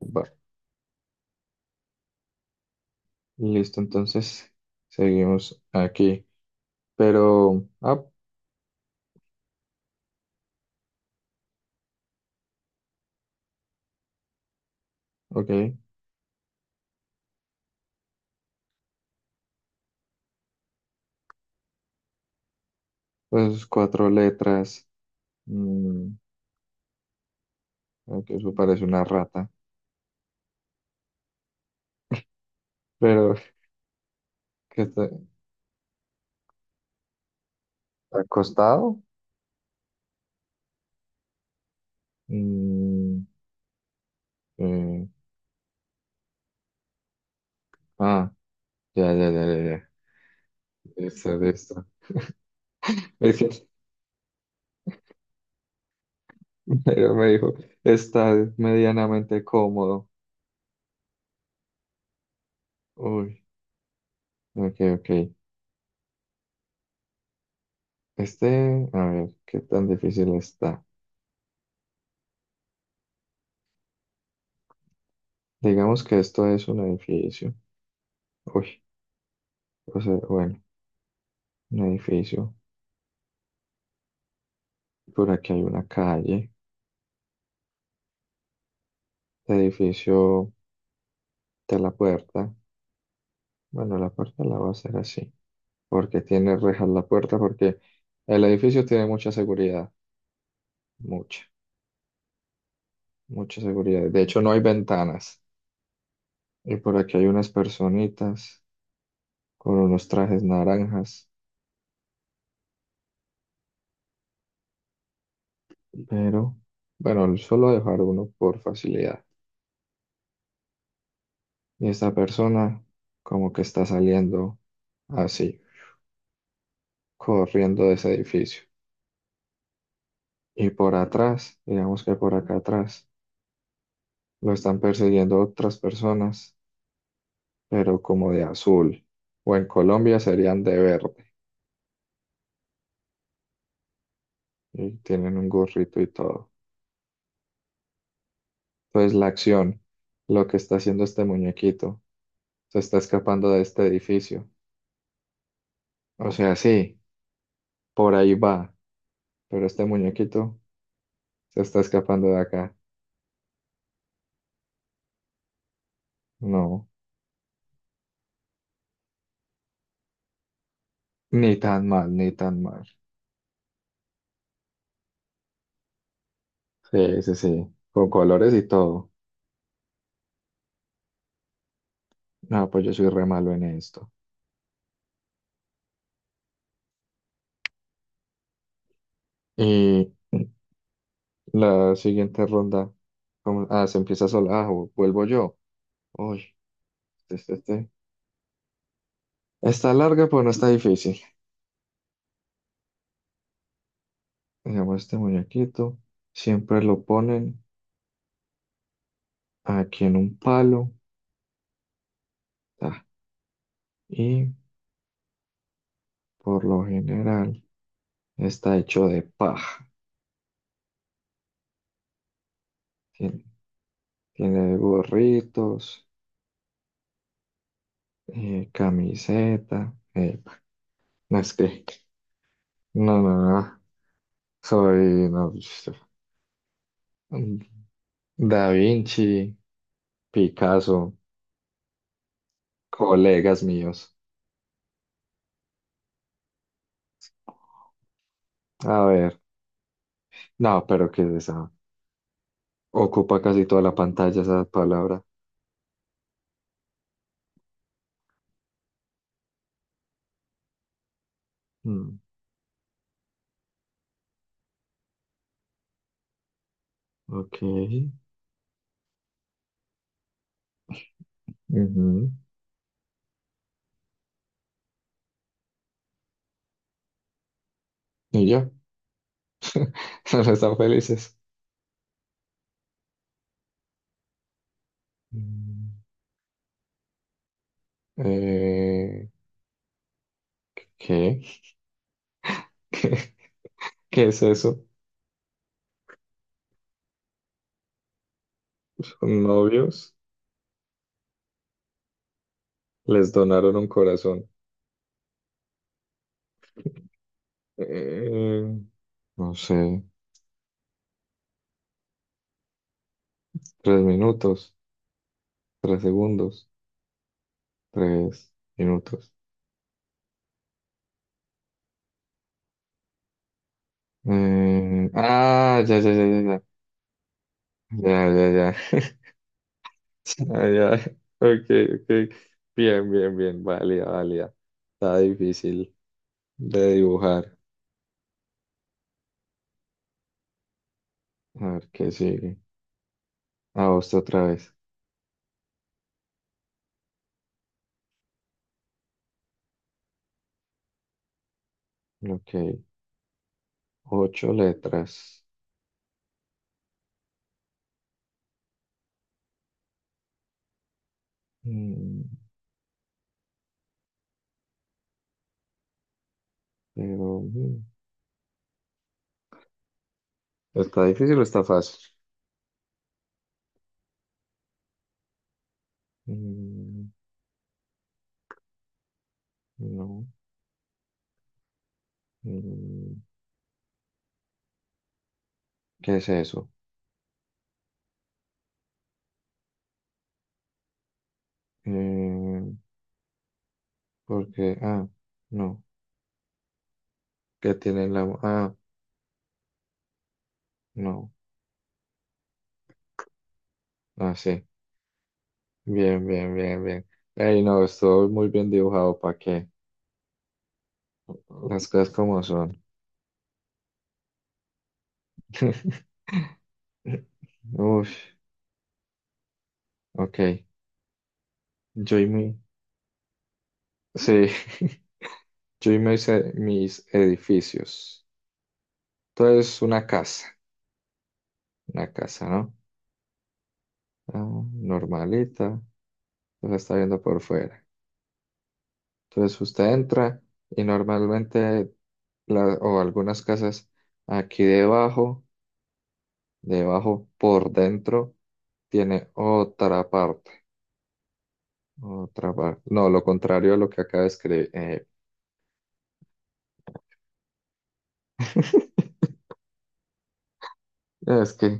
Bar. Listo, entonces seguimos aquí. Pero, ok, pues cuatro letras. Mm, ok, eso parece una rata. Pero, ¿qué está? ¿Acostado? Mm, eh, ah, ya, ya, ya, ya, ya. Listo, listo. Es que pero me dijo, está medianamente cómodo. Uy, ok, ok. Este, a ver, ¿qué tan difícil está? Digamos que esto es un edificio. Uy, o sea, bueno, un edificio. Por aquí hay una calle. El edificio de la puerta. Bueno, la puerta la voy a hacer así. Porque tiene rejas la puerta. Porque el edificio tiene mucha seguridad. Mucha, mucha seguridad. De hecho, no hay ventanas. Y por aquí hay unas personitas con unos trajes naranjas. Pero, bueno, solo voy a dejar uno por facilidad. Y esta persona como que está saliendo así, corriendo de ese edificio. Y por atrás, digamos que por acá atrás, lo están persiguiendo otras personas, pero como de azul. O en Colombia serían de verde y tienen un gorrito y todo. Entonces la acción, lo que está haciendo este muñequito, se está escapando de este edificio. O sea, sí, por ahí va, pero este muñequito se está escapando de acá. No, ni tan mal, ni tan mal. Sí, sí, sí, con colores y todo. No, pues yo soy re malo en esto. Y... La siguiente ronda. ¿Cómo? Ah, se empieza sola. Ah, vuelvo yo. Uy, este, este. este. Está larga, pero no está difícil. Digamos, este muñequito siempre lo ponen aquí en un palo. ta, Y por lo general está hecho de paja. Tiene, tiene gorritos, camiseta. No, es que. No, no, no. Soy. No, Da Vinci, Picasso, colegas míos. A ver, no, pero ¿qué es esa? Ocupa casi toda la pantalla esa palabra. Mm, ok. Ujú. ¿Y ya? ¿No están felices? Mm, eh, ¿qué? ¿Qué es eso? ¿Son novios? Les donaron un corazón. Eh, no sé. 3 minutos. 3 segundos. 3 minutos. Ya, ya, ya, ya, ya. Ya, ya, ya. Ay, ay, ok, ok. Bien, bien, bien. Válida, válida. Está difícil de dibujar. A ver qué sigue. A vos otra vez. Ok. Ocho letras. Mm, pero ¿está difícil o está fácil? Mm, no. Mm, ¿qué es eso? Eh, porque, no. ¿Qué tiene en la mano? Ah, no. Ah, sí. Bien, bien, bien, bien. Ey, no, estuvo muy bien dibujado. ¿Para qué? Las cosas como son. Uf, ok. Yo y mi... Sí, yo y mis edificios. Entonces, una casa. Una casa, ¿no? Ah, normalita. La está viendo por fuera. Entonces, usted entra y normalmente, o algunas casas aquí debajo, debajo por dentro, tiene otra parte. Otra parte. No, lo contrario a lo que acaba de escribir. Es que,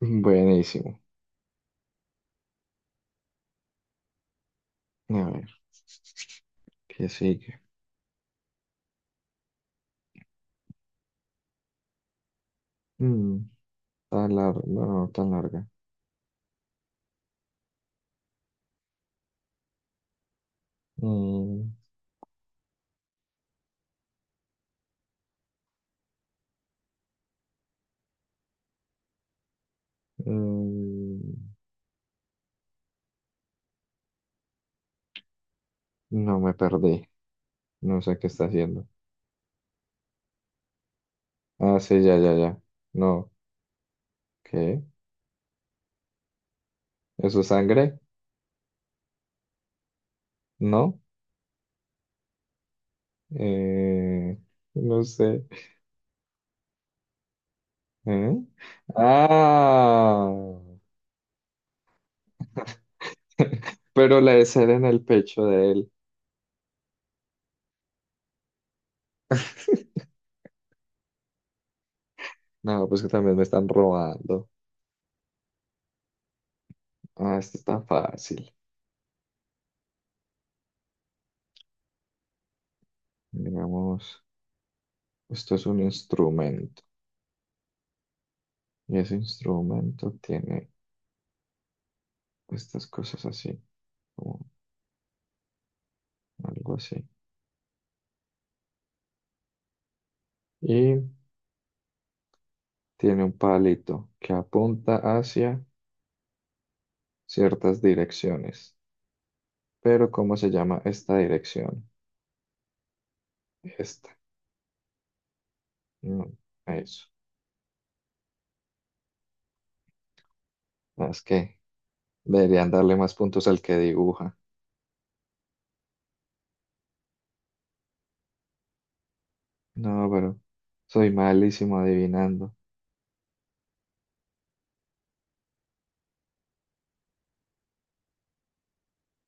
buenísimo. A ver, ¿qué sigue? Mm, tan larga, no, no, tan larga. Mm, mm, no me perdí. No sé qué está haciendo. Ah, sí, ya, ya, ya. No, ¿qué? ¿Eso es sangre? No. Eh, no sé. ¿Eh? Ah, pero la de ser en el pecho de él. No, pues que también me están robando. Ah, esto está fácil. Digamos, esto es un instrumento y ese instrumento tiene estas cosas así, como algo así. Y tiene un palito que apunta hacia ciertas direcciones. Pero ¿cómo se llama esta dirección? Esta. No, a eso. No, es que deberían darle más puntos al que dibuja. No, pero soy malísimo adivinando.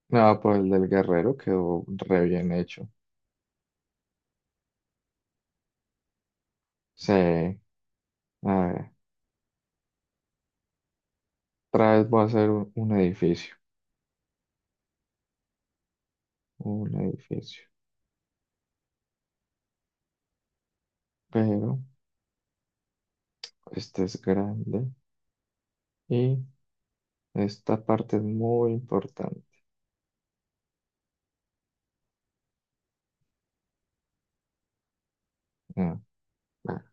No, pues el del guerrero quedó re bien hecho. Sí. A ver. Otra vez voy a hacer un edificio, un edificio. Pero este es grande y esta parte es muy importante. Ah, ah,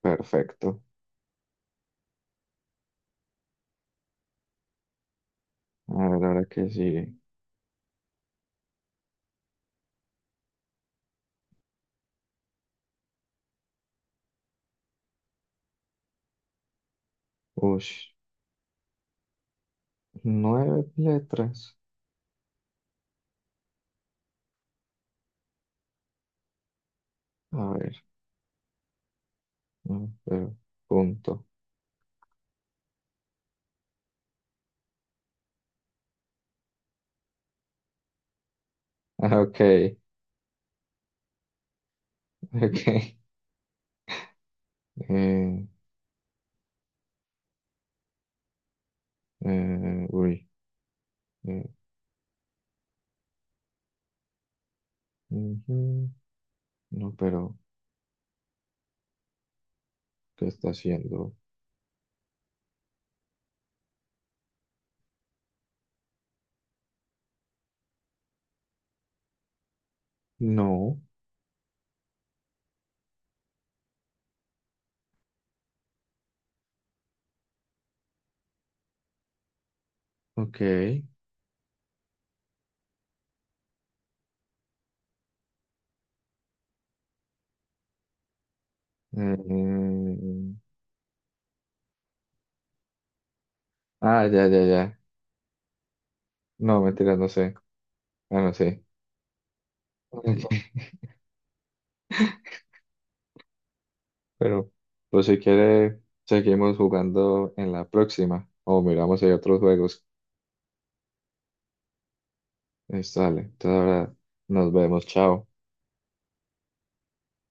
perfecto. A ver, ahora qué sigue. Ush, nueve letras. A ver, no, pero punto. Ah, ok, ok. Eh, uy. eh, ujú. No, pero ¿qué está haciendo? No, ok. Ya, ya, ya. No, mentira, no sé. Ah, no sé. Pero, pues si quiere, seguimos jugando en la próxima. O miramos si hay otros juegos. Sale. Entonces ahora nos vemos. Chao.